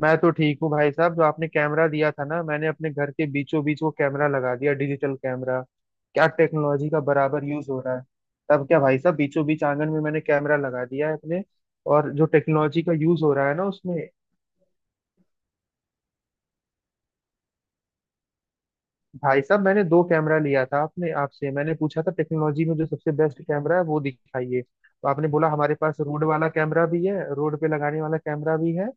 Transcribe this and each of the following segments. मैं तो ठीक हूँ भाई साहब। जो आपने कैमरा दिया था ना मैंने अपने घर के बीचों बीच वो कैमरा लगा दिया, डिजिटल कैमरा। क्या टेक्नोलॉजी का बराबर यूज हो रहा है। तब क्या भाई साहब, बीचों बीच आंगन में मैंने कैमरा लगा दिया है अपने। और जो टेक्नोलॉजी का यूज हो रहा है ना उसमें। भाई साहब मैंने दो कैमरा लिया था, आपने, आपसे मैंने पूछा था टेक्नोलॉजी में जो सबसे बेस्ट कैमरा है वो दिखाइए, तो आपने बोला हमारे पास रोड वाला कैमरा भी है, रोड पे लगाने वाला कैमरा भी है,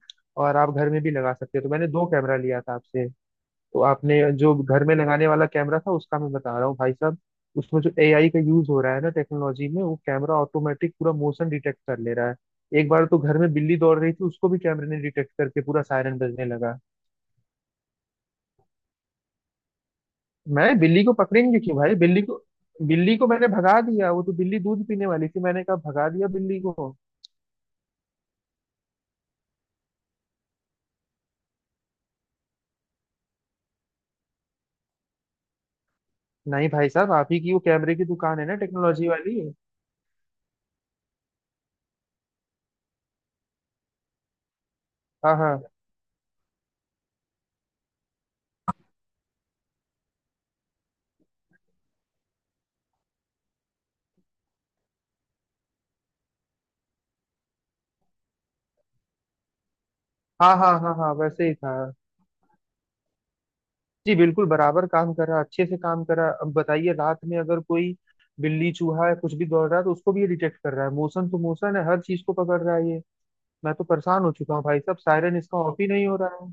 और आप घर में भी लगा सकते हो। तो मैंने दो कैमरा लिया था आपसे। तो आपने जो घर में लगाने वाला कैमरा था उसका मैं बता रहा हूँ भाई साहब। उसमें जो एआई का यूज हो रहा है ना टेक्नोलॉजी में, वो कैमरा ऑटोमेटिक पूरा मोशन डिटेक्ट कर ले रहा है। एक बार तो घर में बिल्ली दौड़ रही थी, उसको भी कैमरे ने डिटेक्ट करके पूरा सायरन बजने लगा। मैं बिल्ली को पकड़ेंगे क्यों भाई, बिल्ली को। बिल्ली को मैंने भगा दिया, वो तो बिल्ली दूध पीने वाली थी, मैंने कहा भगा दिया बिल्ली को। नहीं भाई साहब, आप ही की वो कैमरे की दुकान है ना टेक्नोलॉजी वाली। हाँ हाँ हाँ हाँ, हाँ हाँ वैसे ही था। जी बिल्कुल बराबर काम कर रहा, अच्छे से काम कर रहा। अब बताइए रात में अगर कोई बिल्ली, चूहा या कुछ भी दौड़ रहा है तो उसको भी ये डिटेक्ट कर रहा है। मोशन तो मोशन है, हर चीज को पकड़ रहा है ये। मैं तो परेशान हो चुका हूँ भाई साहब, सायरन इसका ऑफ ही नहीं हो रहा है।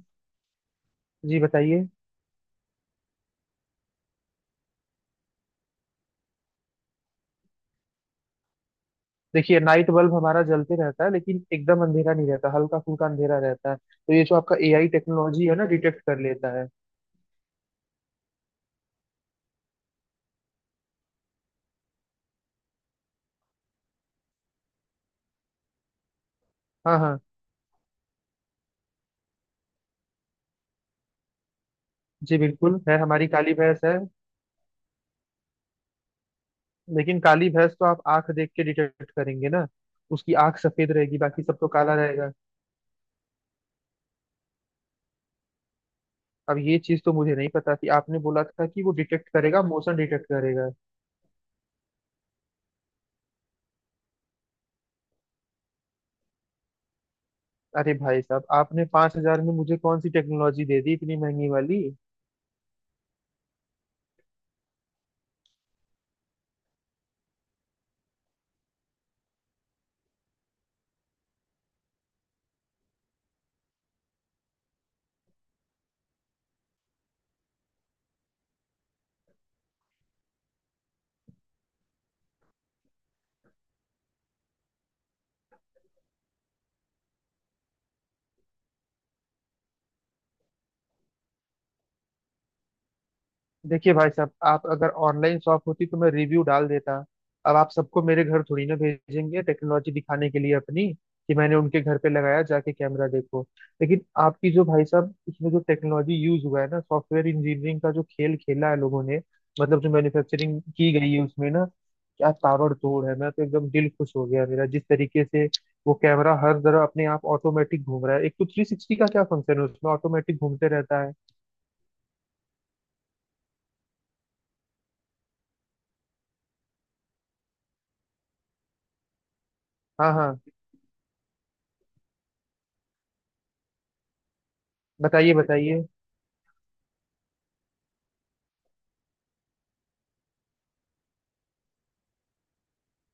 जी बताइए। देखिए नाइट बल्ब हमारा जलते रहता है, लेकिन एकदम अंधेरा नहीं रहता, हल्का फुल्का अंधेरा रहता है, तो ये जो आपका एआई टेक्नोलॉजी है ना डिटेक्ट कर लेता है। हाँ हाँ। जी बिल्कुल है, हमारी काली भैंस है। लेकिन काली भैंस तो आप आंख देख के डिटेक्ट करेंगे ना। उसकी आंख सफेद रहेगी, बाकी सब तो काला रहेगा। अब ये चीज तो मुझे नहीं पता थी, आपने बोला था कि वो डिटेक्ट करेगा, मोशन डिटेक्ट करेगा। अरे भाई साहब आपने 5,000 में मुझे कौन सी टेक्नोलॉजी दे दी इतनी महंगी वाली। देखिए भाई साहब, आप अगर ऑनलाइन शॉप होती तो मैं रिव्यू डाल देता। अब आप सबको मेरे घर थोड़ी ना भेजेंगे टेक्नोलॉजी दिखाने के लिए अपनी, कि मैंने उनके घर पे लगाया जाके कैमरा देखो। लेकिन आपकी जो भाई साहब इसमें जो टेक्नोलॉजी यूज हुआ है ना, सॉफ्टवेयर इंजीनियरिंग का जो खेल खेला है लोगों ने, मतलब जो मैन्युफैक्चरिंग की गई है उसमें ना, क्या ताबड़ तोड़ है। मैं तो एकदम दिल खुश हो गया मेरा, जिस तरीके से वो कैमरा हर जगह अपने आप ऑटोमेटिक घूम रहा है। एक तो 360 का क्या फंक्शन है उसमें, ऑटोमेटिक घूमते रहता है। हाँ हाँ। बताइए बताइए।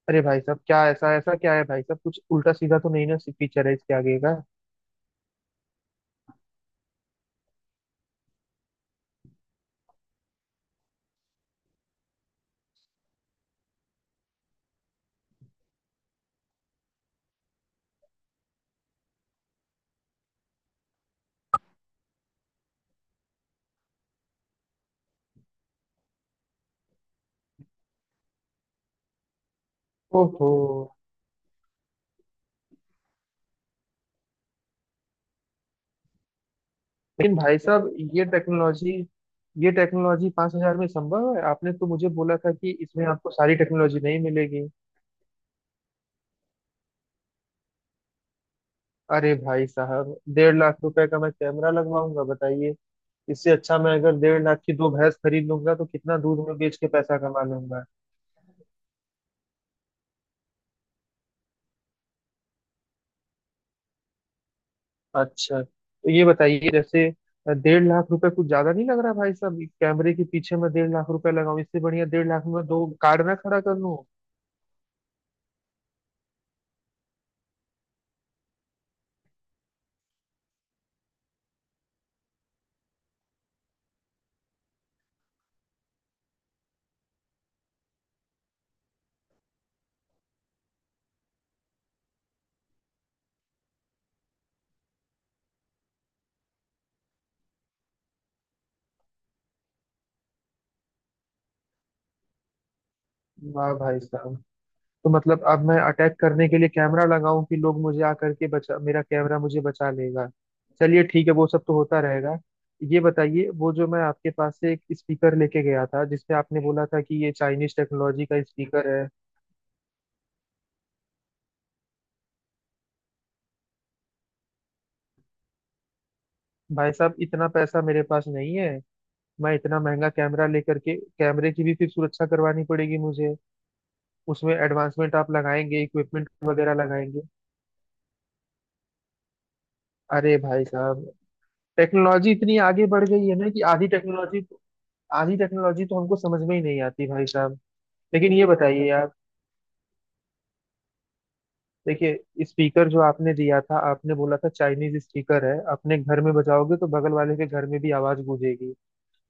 अरे भाई साहब क्या ऐसा, ऐसा क्या है भाई साहब, कुछ उल्टा सीधा तो नहीं ना फीचर है इसके आगे का। ओहो। लेकिन भाई साहब ये टेक्नोलॉजी, ये टेक्नोलॉजी 5,000 में संभव है? आपने तो मुझे बोला था कि इसमें आपको सारी टेक्नोलॉजी नहीं मिलेगी। अरे भाई साहब 1,50,000 रुपए का मैं कैमरा लगवाऊंगा बताइए। इससे अच्छा मैं अगर 1,50,000 की दो भैंस खरीद लूंगा तो कितना दूध में बेच के पैसा कमा लूंगा। अच्छा तो ये बताइए जैसे, 1,50,000 रुपए कुछ ज्यादा नहीं लग रहा भाई साहब, कैमरे के पीछे मैं 1,50,000 रुपए लगाऊं, इससे बढ़िया 1,50,000 में मैं दो कार ना खड़ा कर लूं। वाह भाई साहब। तो मतलब अब मैं अटैक करने के लिए कैमरा लगाऊं कि लोग मुझे आकर के बचा, मेरा कैमरा मुझे बचा लेगा। चलिए ठीक है, वो सब तो होता रहेगा। ये बताइए वो जो मैं आपके पास से एक स्पीकर लेके गया था, जिसपे आपने बोला था कि ये चाइनीज टेक्नोलॉजी का स्पीकर है। भाई साहब इतना पैसा मेरे पास नहीं है। मैं इतना महंगा कैमरा लेकर के, कैमरे की भी फिर सुरक्षा करवानी पड़ेगी मुझे, उसमें एडवांसमेंट आप लगाएंगे, इक्विपमेंट वगैरह लगाएंगे। अरे भाई साहब टेक्नोलॉजी इतनी आगे बढ़ गई है ना, कि आधी टेक्नोलॉजी, आधी टेक्नोलॉजी तो हमको समझ में ही नहीं आती भाई साहब। लेकिन ये बताइए यार, देखिए स्पीकर जो आपने दिया था, आपने बोला था चाइनीज स्पीकर है, अपने घर में बजाओगे तो बगल वाले के घर में भी आवाज गूंजेगी।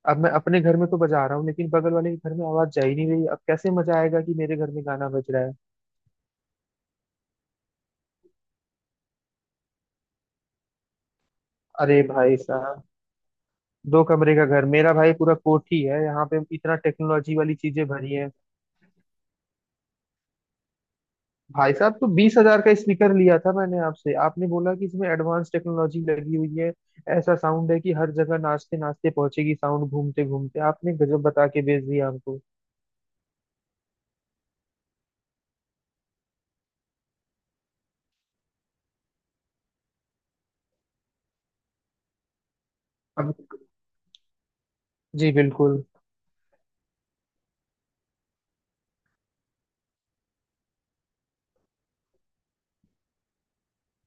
अब मैं अपने घर में तो बजा रहा हूँ, लेकिन बगल वाले के घर में आवाज जा ही नहीं रही। अब कैसे मजा आएगा कि मेरे घर में गाना बज रहा है। अरे भाई साहब, दो कमरे का घर मेरा? भाई पूरा कोठी है यहाँ पे, इतना टेक्नोलॉजी वाली चीजें भरी है। भाई साहब तो 20,000 का स्पीकर लिया था मैंने आपसे, आपने बोला कि इसमें एडवांस टेक्नोलॉजी लगी हुई है, ऐसा साउंड है कि हर जगह नाचते नाचते पहुंचेगी साउंड, घूमते घूमते, आपने गजब बता के भेज दिया हमको। अब। जी बिल्कुल।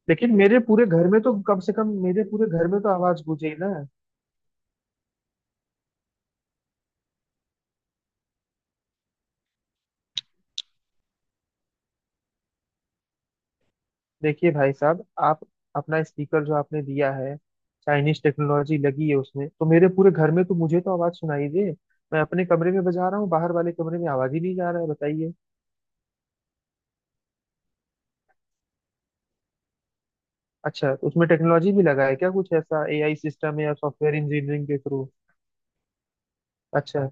लेकिन मेरे पूरे घर में तो, कम से कम मेरे पूरे घर में तो आवाज गूंजे ना। देखिए भाई साहब, आप अपना स्पीकर जो आपने दिया है, चाइनीज टेक्नोलॉजी लगी है उसमें, तो मेरे पूरे घर में तो मुझे तो आवाज सुनाई दे। मैं अपने कमरे में बजा रहा हूँ, बाहर वाले कमरे में आवाज ही नहीं जा रहा है, बताइए। अच्छा, तो उसमें टेक्नोलॉजी भी लगा है क्या, कुछ ऐसा एआई सिस्टम है या सॉफ्टवेयर इंजीनियरिंग के थ्रू। अच्छा।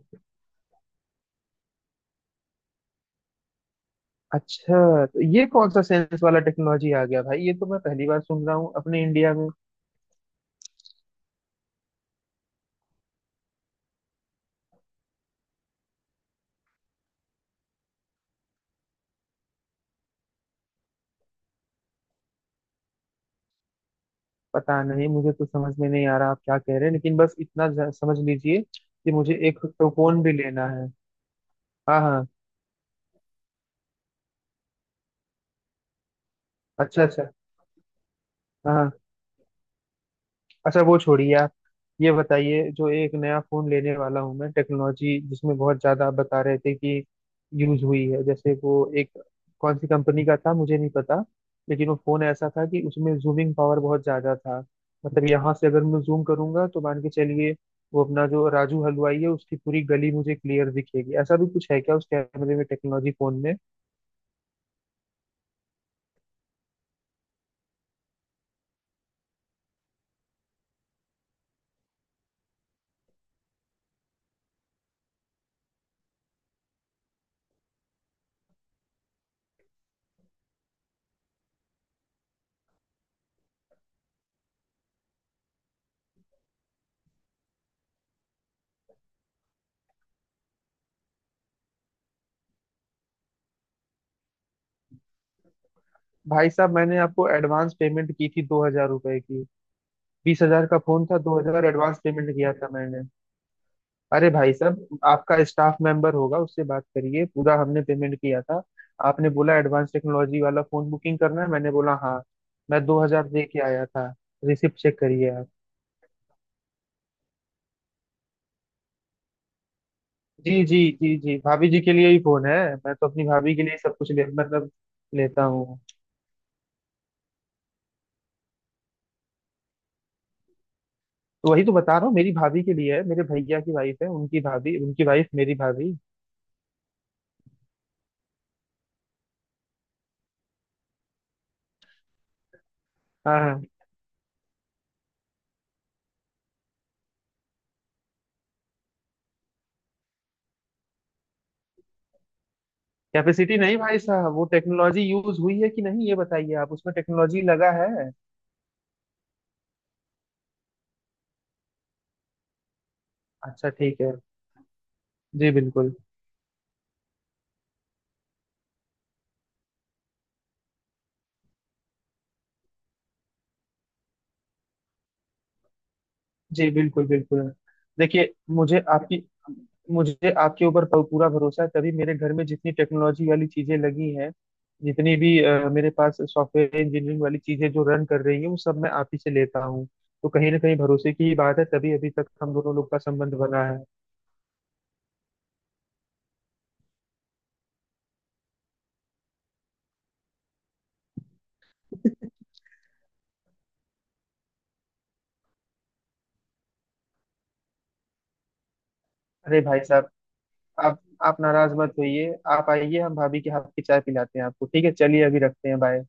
अच्छा, तो ये कौन सा सेंस वाला टेक्नोलॉजी आ गया भाई, ये तो मैं पहली बार सुन रहा हूँ अपने इंडिया में। पता नहीं, मुझे तो समझ में नहीं आ रहा आप क्या कह रहे हैं, लेकिन बस इतना समझ लीजिए कि मुझे एक टोकोन भी लेना है। हाँ हाँ। अच्छा अच्छा। हाँ हाँ। अच्छा वो छोड़िए आप, ये बताइए, जो एक नया फोन लेने वाला हूँ मैं, टेक्नोलॉजी जिसमें बहुत ज्यादा आप बता रहे थे कि यूज हुई है, जैसे वो एक, कौन सी कंपनी का था मुझे नहीं पता, लेकिन वो फोन ऐसा था कि उसमें जूमिंग पावर बहुत ज्यादा था। मतलब यहाँ से अगर मैं जूम करूंगा तो मान के चलिए वो अपना जो राजू हलवाई है उसकी पूरी गली मुझे क्लियर दिखेगी, ऐसा भी कुछ है क्या उस कैमरे में टेक्नोलॉजी, फोन में। भाई साहब मैंने आपको एडवांस पेमेंट की थी 2,000 रुपए की, 20,000 का फोन था, 2,000 एडवांस पेमेंट किया था मैंने। अरे भाई साहब आपका स्टाफ मेंबर होगा उससे बात करिए, पूरा हमने पेमेंट किया था, आपने बोला एडवांस टेक्नोलॉजी वाला फोन बुकिंग करना है, मैंने बोला हाँ। मैं 2,000 दे के आया था, रिसिप्ट चेक करिए आप। जी जी जी जी, भाभी जी के लिए ही फोन है। मैं तो अपनी भाभी के लिए ही सब कुछ ले मतलब, लेता हूँ। तो वही तो बता रहा हूँ, मेरी भाभी के लिए है, मेरे भैया की वाइफ है, उनकी भाभी, उनकी वाइफ मेरी भाभी। हाँ हाँ। कैपेसिटी नहीं भाई साहब, वो टेक्नोलॉजी यूज हुई है कि नहीं ये बताइए, आप उसमें टेक्नोलॉजी लगा है। अच्छा ठीक है। जी बिल्कुल। जी बिल्कुल बिल्कुल। देखिए मुझे आपकी, मुझे आपके ऊपर पूरा भरोसा है, तभी मेरे घर में जितनी टेक्नोलॉजी वाली चीजें लगी हैं, जितनी भी मेरे पास सॉफ्टवेयर इंजीनियरिंग वाली चीजें जो रन कर रही है, वो सब मैं आप ही से लेता हूँ। तो कहीं ना कहीं भरोसे की ही बात है, तभी अभी तक हम दोनों लोग का संबंध बना है। अरे भाई साहब आप आप नाराज मत होइए, आप आइए हम भाभी के हाथ की चाय पिलाते हैं आपको। ठीक है चलिए, अभी रखते हैं, बाय।